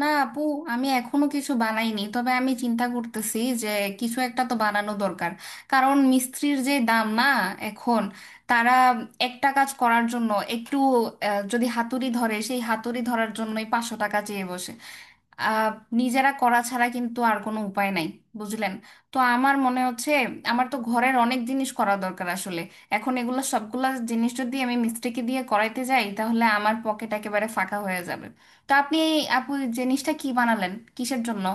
না আপু, আমি এখনো কিছু বানাইনি। তবে আমি চিন্তা করতেছি যে কিছু একটা তো বানানো দরকার। কারণ মিস্ত্রির যে দাম না, এখন তারা একটা কাজ করার জন্য একটু যদি হাতুড়ি ধরে, সেই হাতুড়ি ধরার জন্যই 500 টাকা চেয়ে বসে। আহ, নিজেরা করা ছাড়া কিন্তু আর কোনো উপায় নাই, বুঝলেন। তো আমার মনে হচ্ছে আমার তো ঘরের অনেক জিনিস করা দরকার আসলে। এখন এগুলো সবগুলা জিনিস যদি আমি মিস্ত্রিকে দিয়ে করাইতে যাই তাহলে আমার পকেট একেবারে ফাঁকা হয়ে যাবে। তো আপনি এই আপু, এই জিনিসটা কি বানালেন, কিসের জন্য?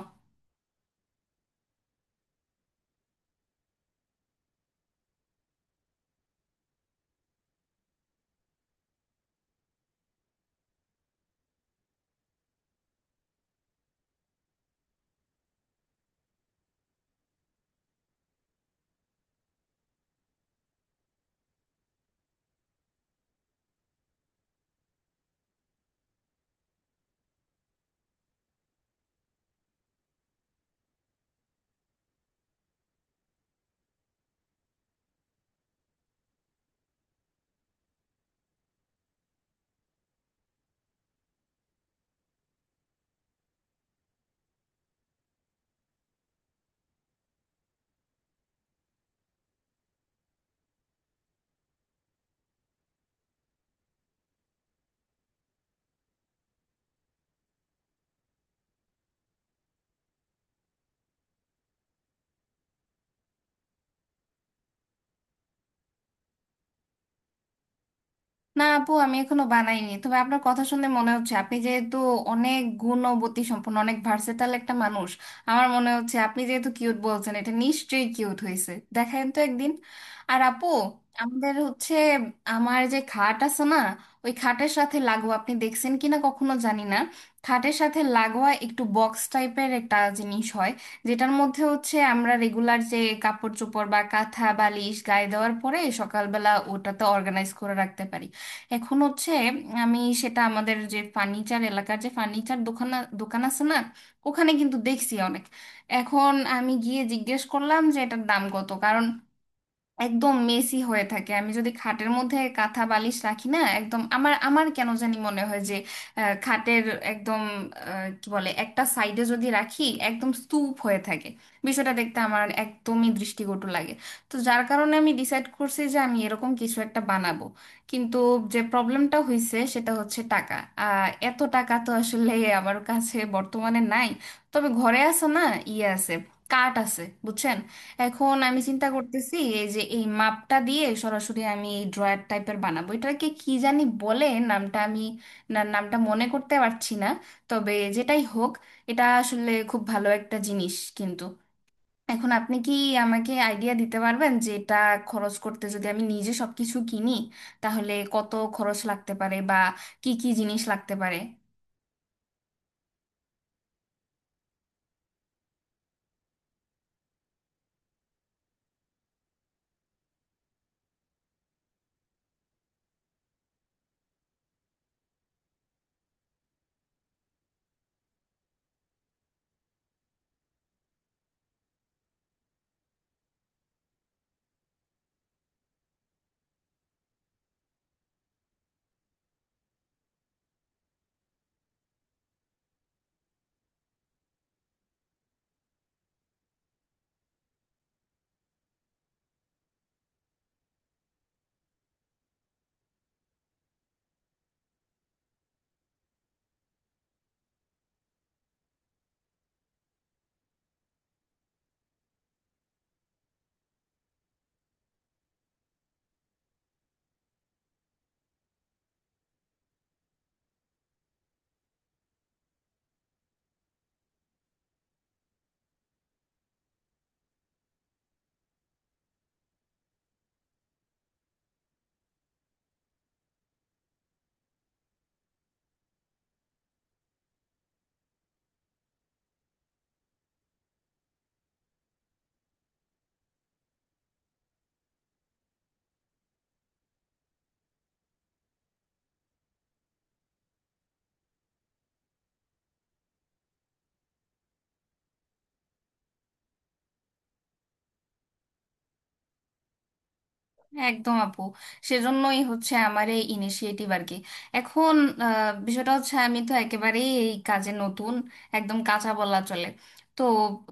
না আপু, আমি এখনো বানাইনি। তবে আপনার কথা শুনে মনে হচ্ছে আপনি যেহেতু অনেক গুণবতী সম্পন্ন, অনেক ভার্সেটাল একটা মানুষ, আমার মনে হচ্ছে আপনি যেহেতু কিউট বলছেন, এটা নিশ্চয়ই কিউট হয়েছে। দেখেন তো একদিন। আর আপু, আমাদের হচ্ছে, আমার যে খাট আছে না, ওই খাটের সাথে লাগোয়া আপনি দেখছেন কিনা কখনো জানি না, খাটের সাথে লাগোয়া একটু বক্স টাইপের একটা জিনিস হয়, যেটার মধ্যে হচ্ছে আমরা রেগুলার যে কাপড় চোপড় বা কাঁথা বালিশ গায়ে দেওয়ার পরে সকালবেলা ওটাতে অর্গানাইজ করে রাখতে পারি। এখন হচ্ছে, আমি সেটা আমাদের যে ফার্নিচার এলাকার যে ফার্নিচার দোকান দোকান আছে না, ওখানে কিন্তু দেখছি অনেক। এখন আমি গিয়ে জিজ্ঞেস করলাম যে এটার দাম কত, কারণ একদম মেসি হয়ে থাকে। আমি যদি খাটের মধ্যে কাঁথা বালিশ রাখি না, একদম আমার আমার কেন জানি মনে হয় যে খাটের একদম কি বলে, একটা সাইডে যদি রাখি একদম স্তূপ হয়ে থাকে। বিষয়টা দেখতে আমার একদমই দৃষ্টিকটু লাগে। তো যার কারণে আমি ডিসাইড করছি যে আমি এরকম কিছু একটা বানাবো। কিন্তু যে প্রবলেমটা হয়েছে সেটা হচ্ছে টাকা। এত টাকা তো আসলে আমার কাছে বর্তমানে নাই। তবে ঘরে আছে না, ইয়ে আছে, কাঠ আছে, বুঝছেন। এখন আমি চিন্তা করতেছি এই যে এই মাপটা দিয়ে সরাসরি আমি এই ড্রয়ার টাইপের বানাবো, এটাকে কি জানি বলে, নামটা আমি, না নামটা মনে করতে পারছি না। তবে যেটাই হোক, এটা আসলে খুব ভালো একটা জিনিস। কিন্তু এখন আপনি কি আমাকে আইডিয়া দিতে পারবেন যে এটা খরচ করতে যদি আমি নিজে সবকিছু কিনি তাহলে কত খরচ লাগতে পারে বা কি কি জিনিস লাগতে পারে? একদম আপু। সেজন্যই হচ্ছে আমার এই ইনিশিয়েটিভ আর কি। এখন বিষয়টা হচ্ছে আমি তো একেবারেই এই কাজে নতুন, একদম কাঁচা বলা চলে। তো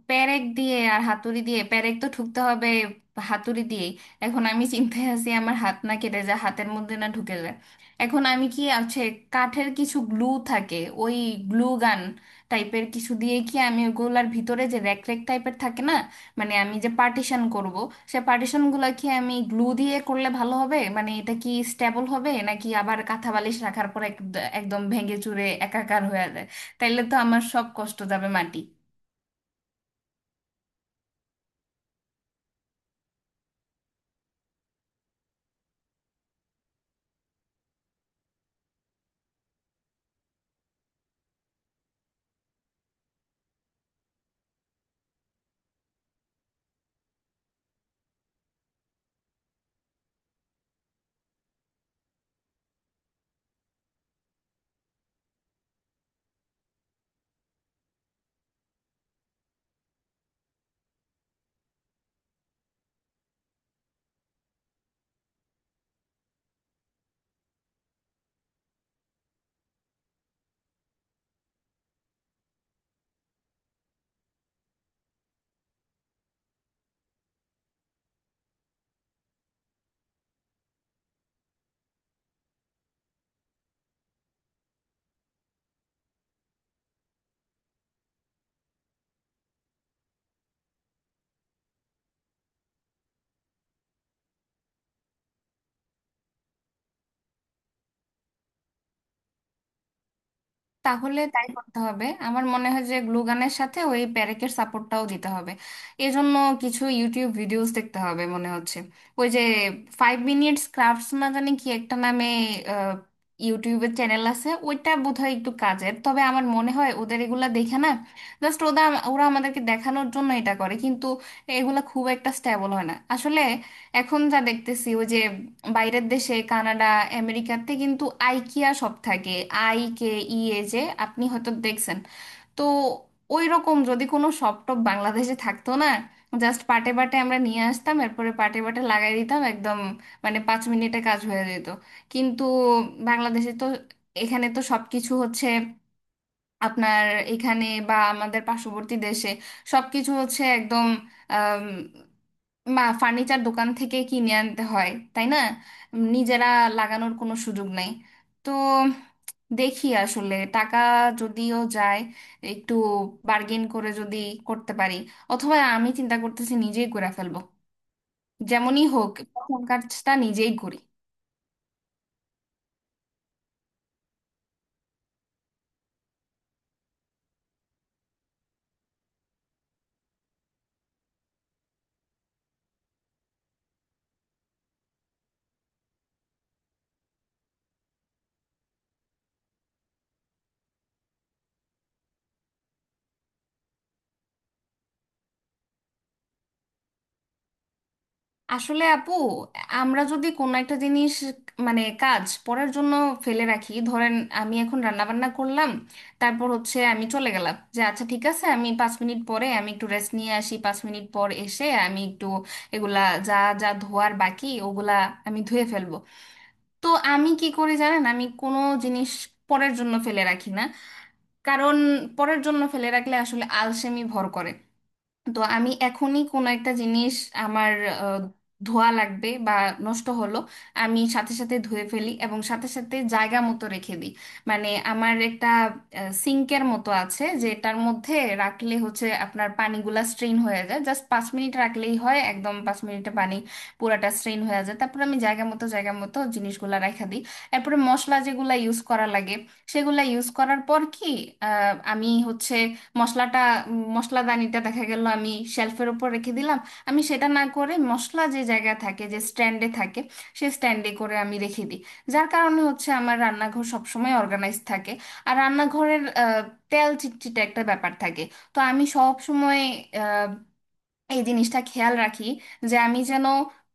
পেরেক দিয়ে আর হাতুড়ি দিয়ে পেরেক তো ঠুকতে হবে, হাতুড়ি দিয়ে। এখন আমি চিন্তায় আছি আমার হাত না কেটে যায়, হাতের মধ্যে না ঢুকে যায়। এখন আমি কি আছে, কাঠের কিছু গ্লু থাকে, ওই গ্লু গান টাইপের কিছু দিয়ে কি আমি ওগুলার ভিতরে যে র্যাক র্যাক টাইপের থাকে না, মানে আমি যে পার্টিশন করব, সে পার্টিশন গুলা কি আমি গ্লু দিয়ে করলে ভালো হবে? মানে এটা কি স্টেবল হবে নাকি আবার কাঁথা বালিশ রাখার পর একদম ভেঙে চুরে একাকার হয়ে যায়? তাইলে তো আমার সব কষ্ট যাবে মাটি। তাহলে তাই করতে হবে আমার মনে হয়, যে গ্লুগানের সাথে ওই প্যারেকের সাপোর্টটাও দিতে হবে। এজন্য কিছু ইউটিউব ভিডিওস দেখতে হবে মনে হচ্ছে। ওই যে ফাইভ মিনিটস ক্রাফটস না জানি কি একটা নামে আহ, ইউটিউবের চ্যানেল আছে, ওইটা বোধহয় একটু কাজের। তবে আমার মনে হয় ওদের এগুলা দেখে না, জাস্ট ওরা ওরা আমাদেরকে দেখানোর জন্য এটা করে, কিন্তু এগুলা খুব একটা স্টেবল হয় না আসলে। এখন যা দেখতেছি ওই যে বাইরের দেশে কানাডা আমেরিকাতে কিন্তু আইকিয়া সব থাকে, IKEA, যে আপনি হয়তো দেখছেন। তো ওই রকম যদি কোনো শপ টপ বাংলাদেশে থাকতো না, জাস্ট পাটে পাটে আমরা নিয়ে আসতাম, এরপরে পাটে পাটে লাগাই দিতাম একদম, মানে 5 মিনিটে কাজ হয়ে যেত। কিন্তু বাংলাদেশে তো, এখানে তো সবকিছু হচ্ছে আপনার, এখানে বা আমাদের পার্শ্ববর্তী দেশে সবকিছু হচ্ছে একদম, বা ফার্নিচার দোকান থেকে কিনে আনতে হয়, তাই না? নিজেরা লাগানোর কোনো সুযোগ নেই। তো দেখি আসলে টাকা যদিও যায়, একটু বার্গেন করে যদি করতে পারি, অথবা আমি চিন্তা করতেছি নিজেই করে ফেলবো। যেমনই হোক, প্রথম কাজটা নিজেই করি। আসলে আপু, আমরা যদি কোনো একটা জিনিস, মানে কাজ পড়ার জন্য ফেলে রাখি ধরেন, আমি এখন রান্না বান্না করলাম, তারপর হচ্ছে আমি চলে গেলাম যে আচ্ছা ঠিক আছে আমি 5 মিনিট পরে আমি একটু রেস্ট নিয়ে আসি, 5 মিনিট পর এসে আমি একটু এগুলা, যা যা ধোয়ার বাকি ওগুলা আমি ধুয়ে ফেলবো। তো আমি কি করি জানেন, আমি কোনো জিনিস পরের জন্য ফেলে রাখি না। কারণ পরের জন্য ফেলে রাখলে আসলে আলসেমি ভর করে। তো আমি এখনই কোনো একটা জিনিস আমার আহ, ধোয়া লাগবে বা নষ্ট হলো, আমি সাথে সাথে ধুয়ে ফেলি এবং সাথে সাথে জায়গা মতো রেখে দিই। মানে আমার একটা সিঙ্কের মতো আছে যেটার মধ্যে রাখলে হচ্ছে আপনার পানিগুলা স্ট্রেন হয়ে যায়, জাস্ট 5 মিনিট রাখলেই হয়, একদম 5 মিনিটে পানি পুরাটা স্ট্রেন হয়ে যায়। তারপর আমি জায়গা মতো জিনিসগুলা রেখে দিই। এরপরে মশলা যেগুলা ইউজ করা লাগে সেগুলা ইউজ করার পর কি আমি হচ্ছে মশলাটা, মশলাদানিটা দেখা গেল আমি শেলফের উপর রেখে দিলাম। আমি সেটা না করে মশলা যে জায়গায় থাকে, যে স্ট্যান্ডে থাকে সেই স্ট্যান্ডে করে আমি রেখে দিই। যার কারণে হচ্ছে আমার রান্নাঘর সবসময় অর্গানাইজ থাকে। আর রান্নাঘরের তেল চিটচিটে একটা ব্যাপার থাকে। তো আমি সব সময় এই জিনিসটা খেয়াল রাখি যে আমি যেন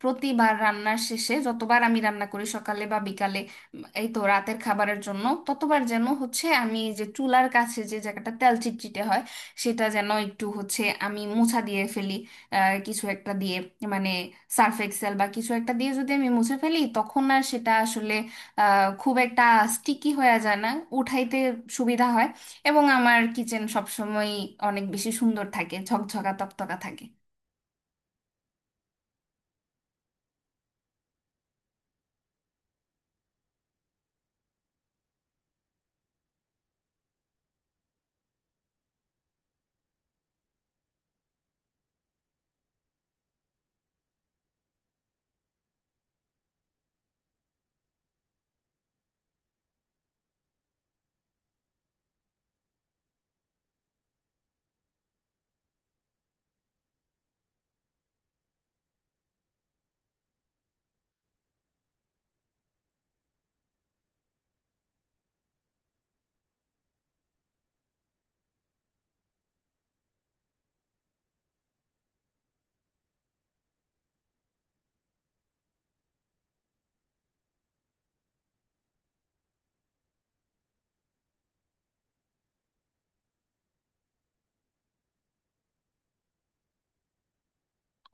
প্রতিবার রান্নার শেষে যতবার আমি রান্না করি সকালে বা বিকালে, এই তো রাতের খাবারের জন্য, ততবার যেন হচ্ছে আমি যে চুলার কাছে যে জায়গাটা তেল চিটচিটে হয়, সেটা যেন একটু হচ্ছে আমি মোছা দিয়ে ফেলি। কিছু একটা দিয়ে, মানে সার্ফ এক্সেল বা কিছু একটা দিয়ে যদি আমি মুছে ফেলি তখন আর সেটা আসলে খুব একটা স্টিকি হয়ে যায় না, উঠাইতে সুবিধা হয়। এবং আমার কিচেন সবসময় অনেক বেশি সুন্দর থাকে, ঝকঝকা তকতকা থাকে।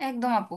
একদম আপু।